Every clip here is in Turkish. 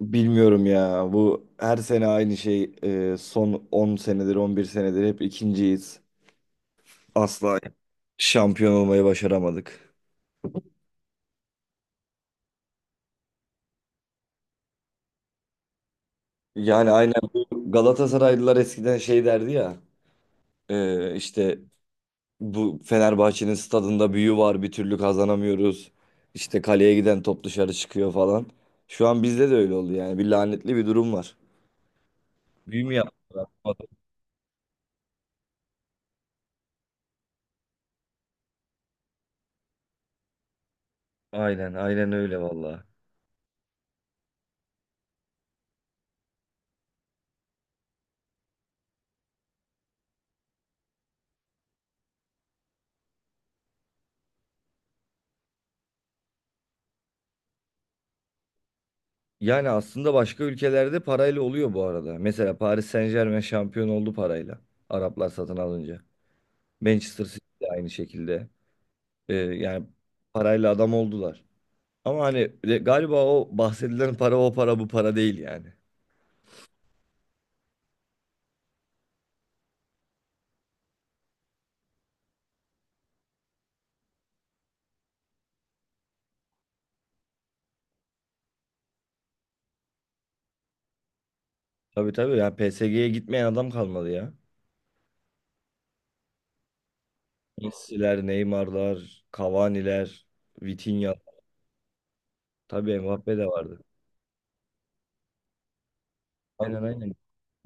Bilmiyorum ya. Bu her sene aynı şey. Son 10 senedir, 11 senedir hep ikinciyiz. Asla şampiyon olmayı başaramadık. Yani aynen bu Galatasaraylılar eskiden şey derdi ya. İşte bu Fenerbahçe'nin stadında büyü var bir türlü kazanamıyoruz. İşte kaleye giden top dışarı çıkıyor falan. Şu an bizde de öyle oldu yani. Bir lanetli bir durum var. Büyü mü yaptılar? Aynen, aynen öyle vallahi. Yani aslında başka ülkelerde parayla oluyor bu arada. Mesela Paris Saint-Germain şampiyon oldu parayla. Araplar satın alınca. Manchester City de aynı şekilde. Yani parayla adam oldular. Ama hani galiba o bahsedilen para o para bu para değil yani. Tabii tabii yani PSG'ye gitmeyen adam kalmadı ya. Messi'ler, Neymar'lar, Cavani'ler, Vitinha. Tabii Mbappe de vardı. Aynen aynen.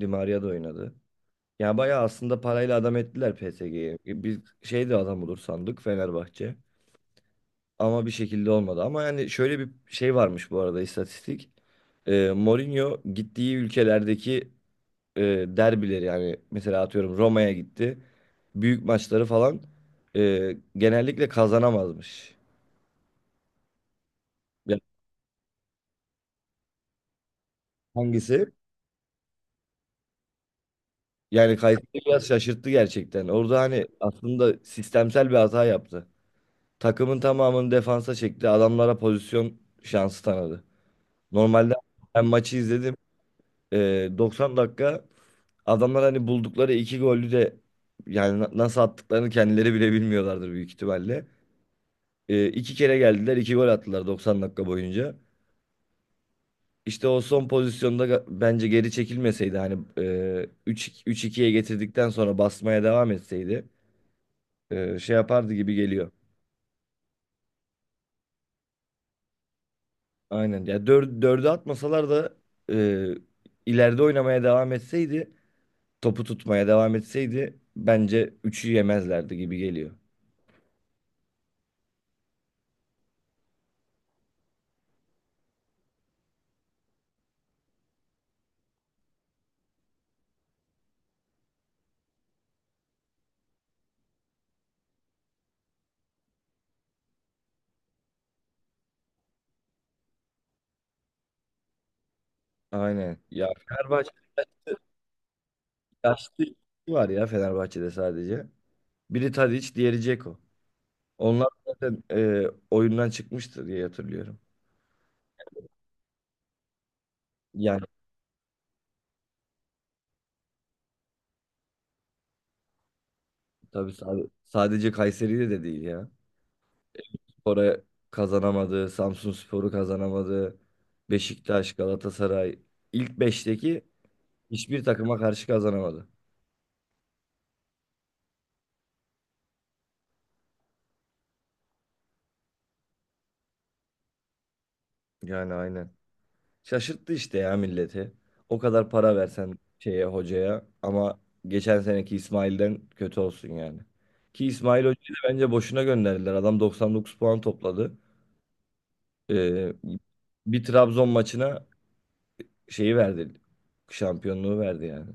Di Maria da oynadı. Ya bayağı aslında parayla adam ettiler PSG'yi. Biz şey de adam olur sandık Fenerbahçe. Ama bir şekilde olmadı. Ama yani şöyle bir şey varmış bu arada istatistik. Mourinho gittiği ülkelerdeki e, derbileri yani mesela atıyorum Roma'ya gitti. Büyük maçları falan genellikle kazanamazmış. Yani hangisi? Yani Kayseri biraz şaşırttı gerçekten. Orada hani aslında sistemsel bir hata yaptı. Takımın tamamını defansa çekti. Adamlara pozisyon şansı tanıdı. Normalde ben maçı izledim. 90 dakika adamlar hani buldukları iki golü de yani nasıl attıklarını kendileri bile bilmiyorlardır büyük ihtimalle. İki kere geldiler, iki gol attılar 90 dakika boyunca. İşte o son pozisyonda bence geri çekilmeseydi hani 3 3-2'ye getirdikten sonra basmaya devam etseydi şey yapardı gibi geliyor. Aynen. Ya dördü atmasalar da e, ileride oynamaya devam etseydi, topu tutmaya devam etseydi bence üçü yemezlerdi gibi geliyor. Aynen. Ya Fenerbahçe yaşlı iki var ya Fenerbahçe'de sadece. Biri Tadiç, diğeri Dzeko. Onlar zaten oyundan çıkmıştır diye hatırlıyorum. Yani tabii sadece Kayseri'de de değil ya. Spor'a kazanamadı, Samsunspor'u kazanamadı, Beşiktaş, Galatasaray ilk beşteki hiçbir takıma karşı kazanamadı. Yani aynen. Şaşırttı işte ya milleti. O kadar para versen şeye hocaya ama geçen seneki İsmail'den kötü olsun yani. Ki İsmail Hoca'yı da bence boşuna gönderdiler. Adam 99 puan topladı. Ee, bir Trabzon maçına şeyi verdi. Şampiyonluğu verdi yani.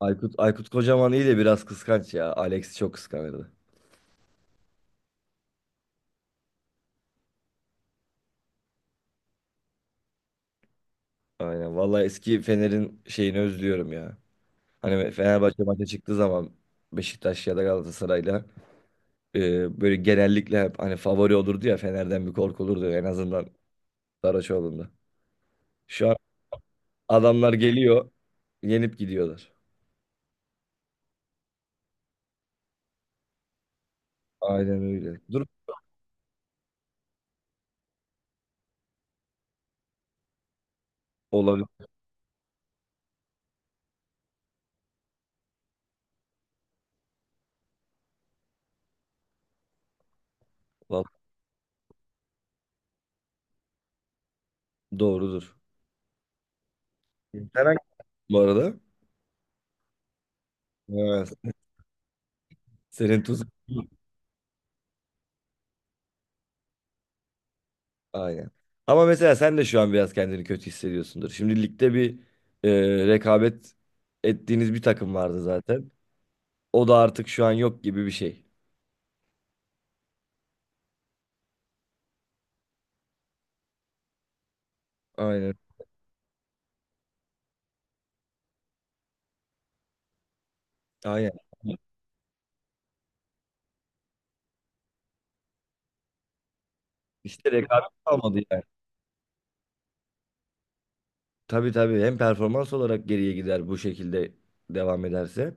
Aykut Kocaman iyi de biraz kıskanç ya. Alex'i çok kıskanırdı. Aynen. Vallahi eski Fener'in şeyini özlüyorum ya. Hani Fenerbahçe maça çıktığı zaman Beşiktaş ya da Galatasaray'la böyle genellikle hep hani favori olurdu ya Fener'den bir korkulurdu en azından Saraçoğlu'nda. Şu an adamlar geliyor, yenip gidiyorlar. Aynen öyle. Dur olabilir. Vallahi doğrudur. Sen hangi bu arada? Evet. Senin tuzun. Aynen. Ama mesela sen de şu an biraz kendini kötü hissediyorsundur. Şimdi ligde bir rekabet ettiğiniz bir takım vardı zaten. O da artık şu an yok gibi bir şey. Aynen. Aynen. İşte rekabet kalmadı yani. Tabii tabii hem performans olarak geriye gider bu şekilde devam ederse.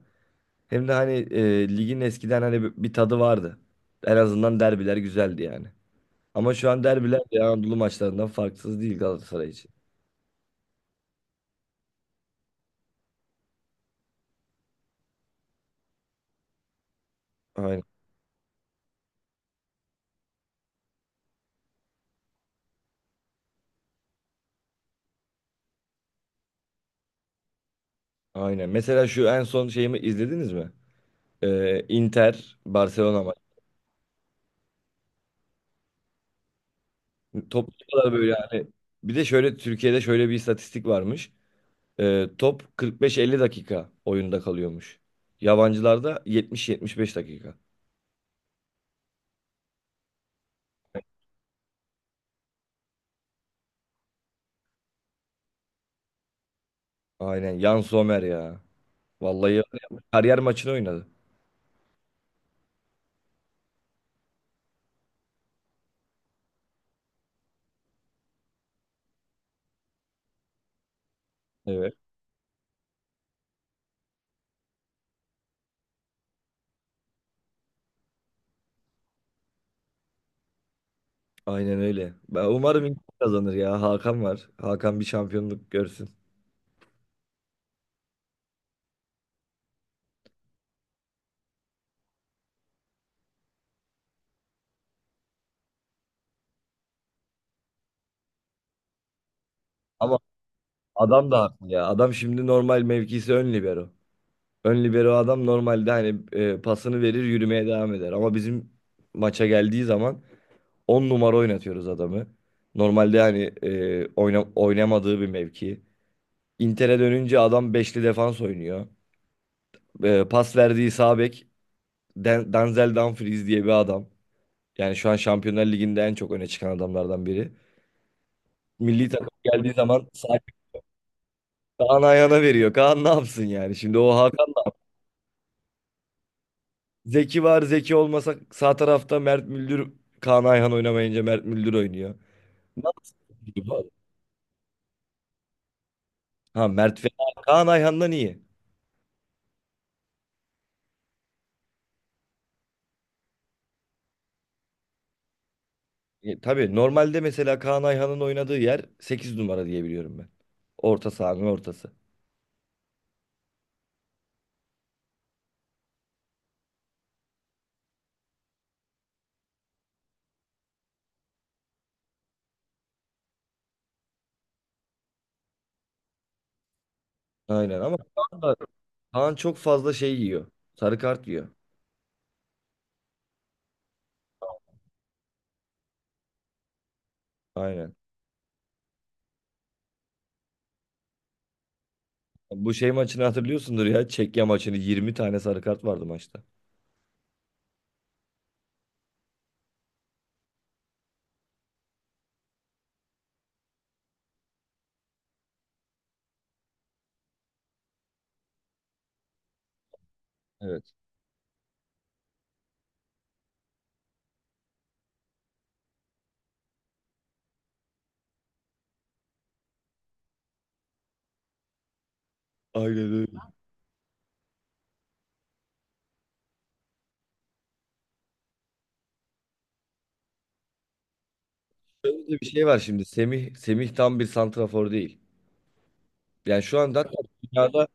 Hem de hani ligin eskiden hani bir tadı vardı. En azından derbiler güzeldi yani. Ama şu an derbiler de Anadolu maçlarından farksız değil Galatasaray için. Aynen. Aynen. Mesela şu en son şeyimi izlediniz mi? Inter Barcelona maçı. Top o kadar böyle hani bir de şöyle Türkiye'de şöyle bir istatistik varmış. Top 45-50 dakika oyunda kalıyormuş. Yabancılarda 70-75 dakika. Aynen. Jan Sommer ya. Vallahi kariyer maçını oynadı. Evet. Aynen öyle. Ben umarım Inter kazanır ya. Hakan var. Hakan bir şampiyonluk görsün. Ama adam da haklı ya. Adam şimdi normal mevkisi ön libero. Ön libero adam normalde hani pasını verir yürümeye devam eder. Ama bizim maça geldiği zaman 10 numara oynatıyoruz adamı. Normalde hani oynamadığı bir mevki. Inter'e dönünce adam beşli defans oynuyor. Pas verdiği sağ bek Denzel Dumfries diye bir adam. Yani şu an Şampiyonlar Ligi'nde en çok öne çıkan adamlardan biri. Milli takım geldiği zaman sahip Kaan Ayhan'a veriyor. Kaan ne yapsın yani? Şimdi o Hakan Zeki var. Zeki olmasa sağ tarafta Mert Müldür Kaan Ayhan oynamayınca Mert Müldür oynuyor. Nasıl? Ha Mert fena. Kaan Ayhan'dan iyi. Tabii normalde mesela Kaan Ayhan'ın oynadığı yer 8 numara diye biliyorum ben. Orta sahanın ortası. Aynen ama Kaan çok fazla şey yiyor. Sarı kart yiyor. Aynen. Bu şey maçını hatırlıyorsundur ya. Çekya maçını 20 tane sarı kart vardı maçta. Evet. Aynen öyle. Şöyle de bir şey var şimdi. Semih tam bir santrafor değil. Yani şu anda hatta dünyada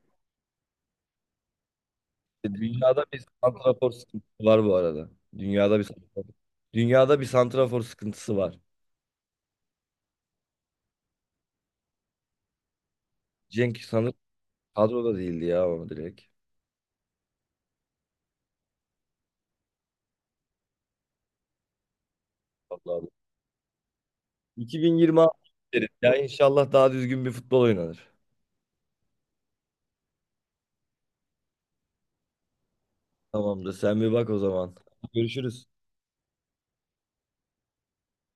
dünyada bir santrafor sıkıntısı var bu arada. Dünyada bir santrafor, dünyada bir santrafor sıkıntısı var. Cenk sanırım kadroda değildi ya ama direkt. Vallahi. Bu. 2026 deriz. Ya inşallah daha düzgün bir futbol oynanır. Tamamdır. Sen bir bak o zaman. Görüşürüz.